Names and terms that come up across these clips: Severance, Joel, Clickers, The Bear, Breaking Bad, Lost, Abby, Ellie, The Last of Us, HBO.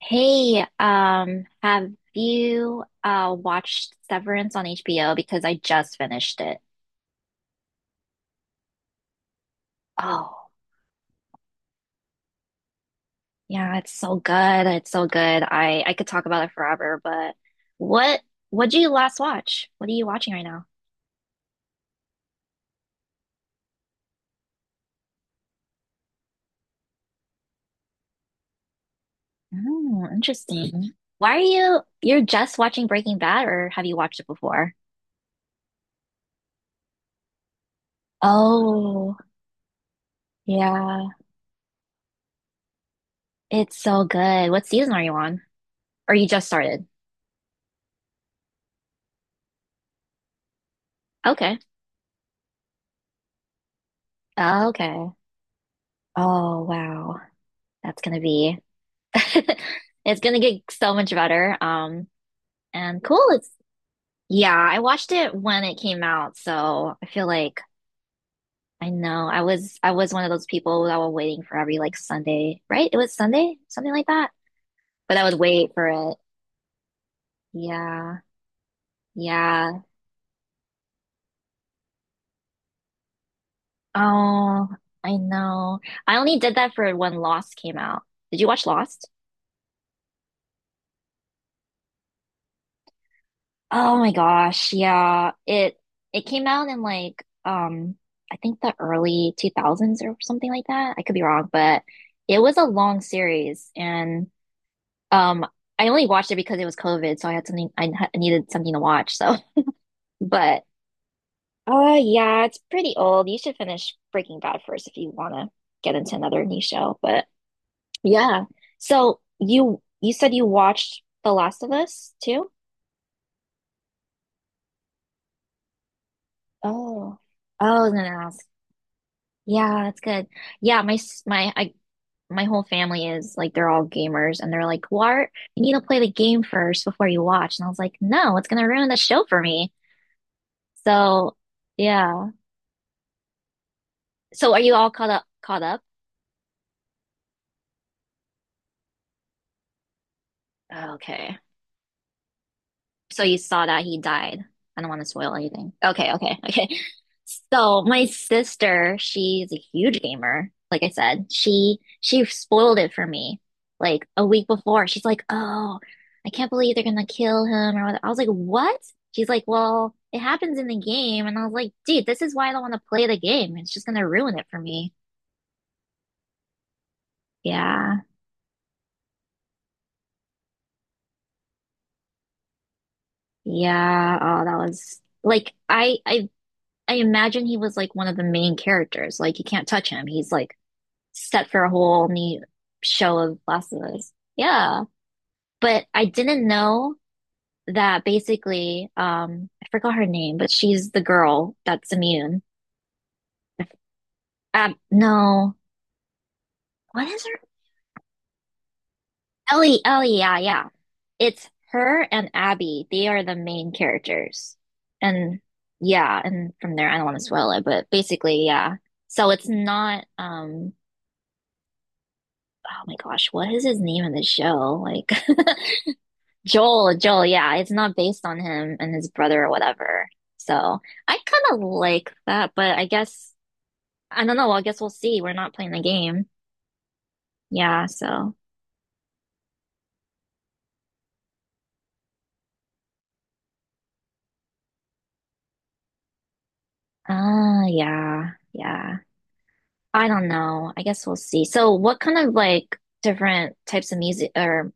Hey, have you watched Severance on HBO? Because I just finished it. Oh, yeah, it's so good. It's so good. I could talk about it forever, but what what did you last watch? What are you watching right now? Oh, interesting. Why are you're just watching Breaking Bad or have you watched it before? Oh, yeah. It's so good. What season are you on? Or you just started? Okay. Okay. Oh, wow. That's gonna be It's gonna get so much better. And cool. It's yeah, I watched it when it came out, so I feel like I know I was one of those people that were waiting for every like Sunday, right? It was Sunday, something like that. But I would wait for it. Yeah, yeah. Oh, I know. I only did that for when Lost came out. Did you watch Lost? Oh my gosh, yeah. It came out in like I think the early 2000s or something like that. I could be wrong, but it was a long series and um I only watched it because it was COVID, so I had needed something to watch. So, but yeah, it's pretty old. You should finish Breaking Bad first if you want to get into another new show, but yeah. So, you said you watched The Last of Us too? Oh. Oh, I was gonna ask. Yeah, that's good. Yeah, my s- my I my whole family is like they're all gamers and they're like, "What? You need to play the game first before you watch." And I was like, "No, it's gonna ruin the show for me." So, yeah. So are you all caught up? Okay. So you saw that he died. I don't want to spoil anything. Okay, okay, okay. So my sister, she's a huge gamer. Like I said, she spoiled it for me like a week before. She's like, "Oh, I can't believe they're gonna kill him or whatever." I was like, "What?" She's like, "Well, it happens in the game," and I was like, "Dude, this is why I don't want to play the game. It's just gonna ruin it for me." Yeah, yeah. Oh, that was like I imagine he was like one of the main characters. Like you can't touch him. He's like set for a whole new show of Last of Us. Yeah. But I didn't know that basically, I forgot her name, but she's the girl that's immune. No, what is her? Ellie, Ellie, yeah, yeah. It's her and Abby. They are the main characters. And yeah, and from there, I don't want to spoil it, but basically, yeah. So it's not, oh my gosh, what is his name in the show? Like, Joel, Joel, yeah, it's not based on him and his brother or whatever. So I kind of like that, but I guess I don't know. I guess we'll see. We're not playing the game. Yeah, so yeah, yeah. I don't know. I guess we'll see. So what kind of like different types of music or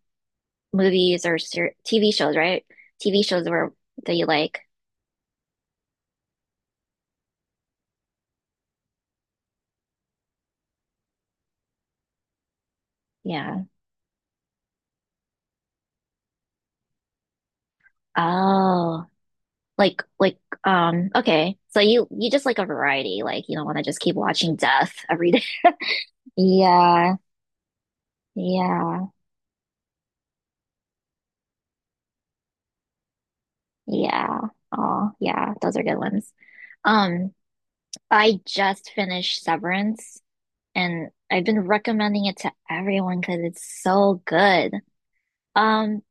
movies or ser TV shows, right? TV shows were that you like. Yeah. Oh, like okay. So you just like a variety. Like you don't want to just keep watching death every Yeah, yeah, yeah. Oh, yeah, those are good ones. Um, I just finished Severance and I've been recommending it to everyone because it's so good. Um,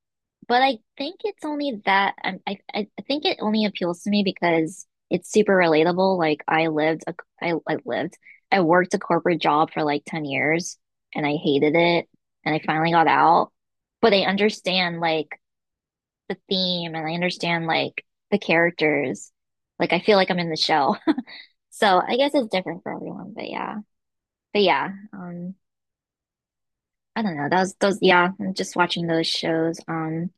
but I think it's only that I think it only appeals to me because it's super relatable. Like I lived a, I lived I worked a corporate job for like 10 years and I hated it and I finally got out. But I understand like the theme and I understand like the characters. Like I feel like I'm in the show. So I guess it's different for everyone, but yeah. But yeah, I don't know. That was those yeah, I'm just watching those shows.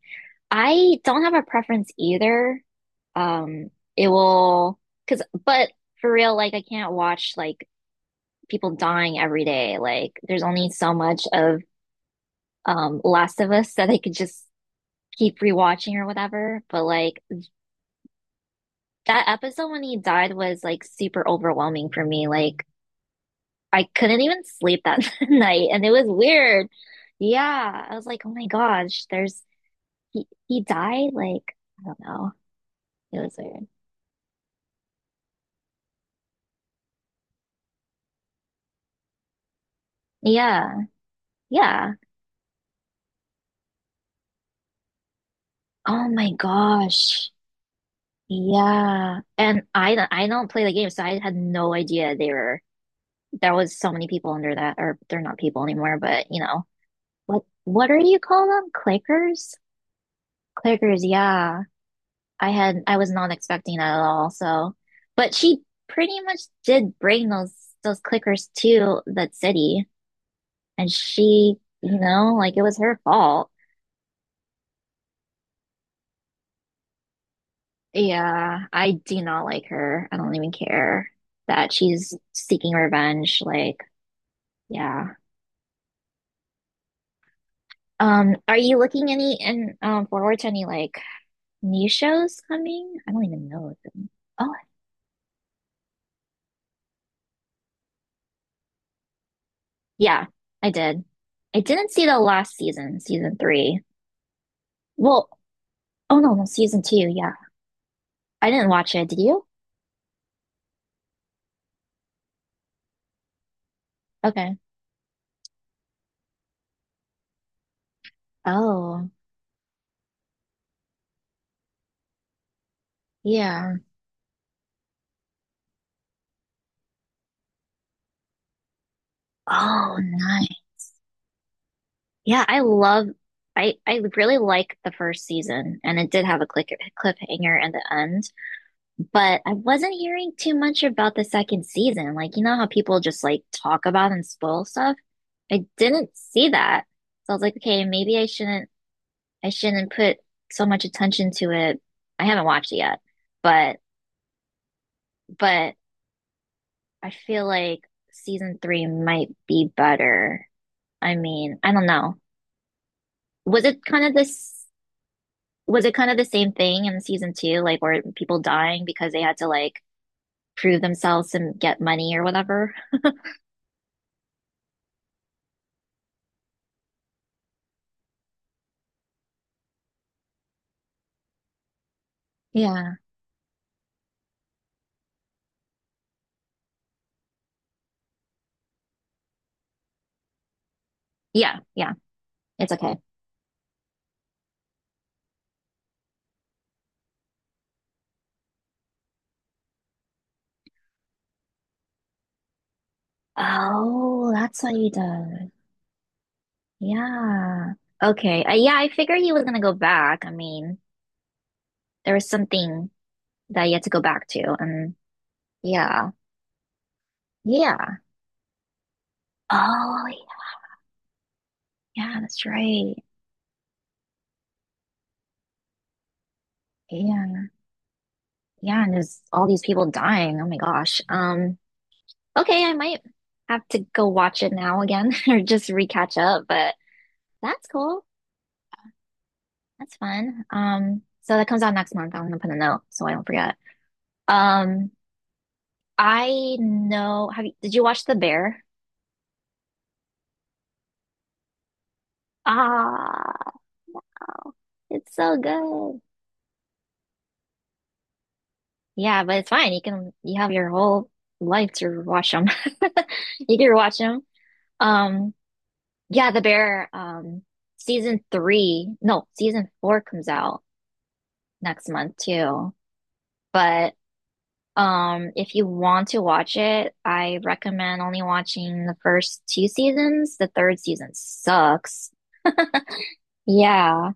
I don't have a preference either. Um it will cause but For real like I can't watch like people dying every day. Like there's only so much of Last of Us that I could just keep rewatching or whatever. But like that episode when he died was like super overwhelming for me. Like I couldn't even sleep that night, and it was weird. Yeah, I was like, oh my gosh, there's he died. Like I don't know, it was weird. Yeah, yeah. Oh my gosh, yeah. And I don't play the game, so I had no idea they were there was so many people under that, or they're not people anymore. But you know what are you call them? Clickers, clickers. Yeah. I was not expecting that at all. So, but she pretty much did bring those clickers to that city, and she, you know, like it was her fault. Yeah, I do not like her. I don't even care that she's seeking revenge. Like, yeah. Are you looking any and forward to any like new shows coming? I don't even know if them. Oh, yeah, I did. I didn't see the last season, season three. Well, oh no, no, season two. Yeah, I didn't watch it. Did you? Okay. Oh, yeah. Oh, nice. Yeah, I love. I really like the first season, and it did have a click cliffhanger at the end. But I wasn't hearing too much about the second season. Like you know how people just like talk about and spoil stuff. I didn't see that, so I was like, okay, maybe I shouldn't. I shouldn't put so much attention to it. I haven't watched it yet, but but. I feel like season three might be better. I mean, I don't know. Was it kind of this, was it kind of the same thing in season two? Like, were people dying because they had to like prove themselves and get money or whatever? Yeah. Yeah. Yeah. It's okay. Oh, that's what he does. Yeah. Okay. Yeah, I figured he was gonna go back. I mean, there was something that he had to go back to, and yeah. Yeah. Oh, yeah, yeah, that's right. Yeah. Yeah, and there's all these people dying. Oh my gosh. Okay, I might have to go watch it now again or just recatch up, but that's cool. That's fun. So that comes out next month. I'm gonna put a note so I don't forget. Um, I know, did you watch The Bear? Ah, no. It's so good. Yeah, but it's fine. You can, you have your whole life to watch them. You can watch them. Um, Yeah, The Bear, season three, no, season four comes out next month too. But if you want to watch it, I recommend only watching the first two seasons. The third season sucks. Yeah,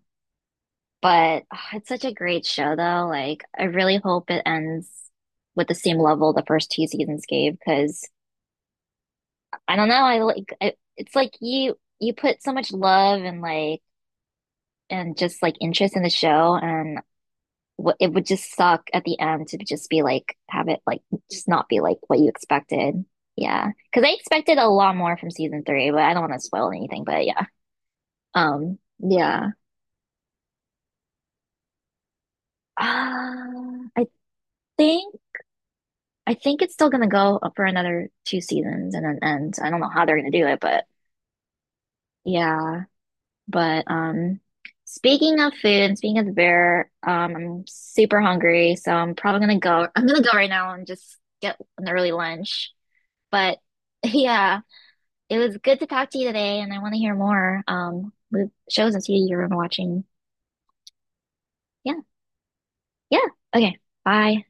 but ah, it's such a great show though. Like, I really hope it ends with the same level the first two seasons gave because I don't know, I like it, it's like you put so much love and like and just like interest in the show and it would just suck at the end to just be like have it like just not be like what you expected. Yeah, because I expected a lot more from season three, but I don't want to spoil anything. But yeah, yeah. Uh, I think I think it's still gonna go for another two seasons and then end. I don't know how they're gonna do it, but yeah. But speaking of food and speaking of the bear, I'm super hungry, so I'm probably gonna go. I'm gonna go right now and just get an early lunch. But yeah, it was good to talk to you today, and I want to hear more with shows and see you're watching. Yeah, yeah. Okay, bye.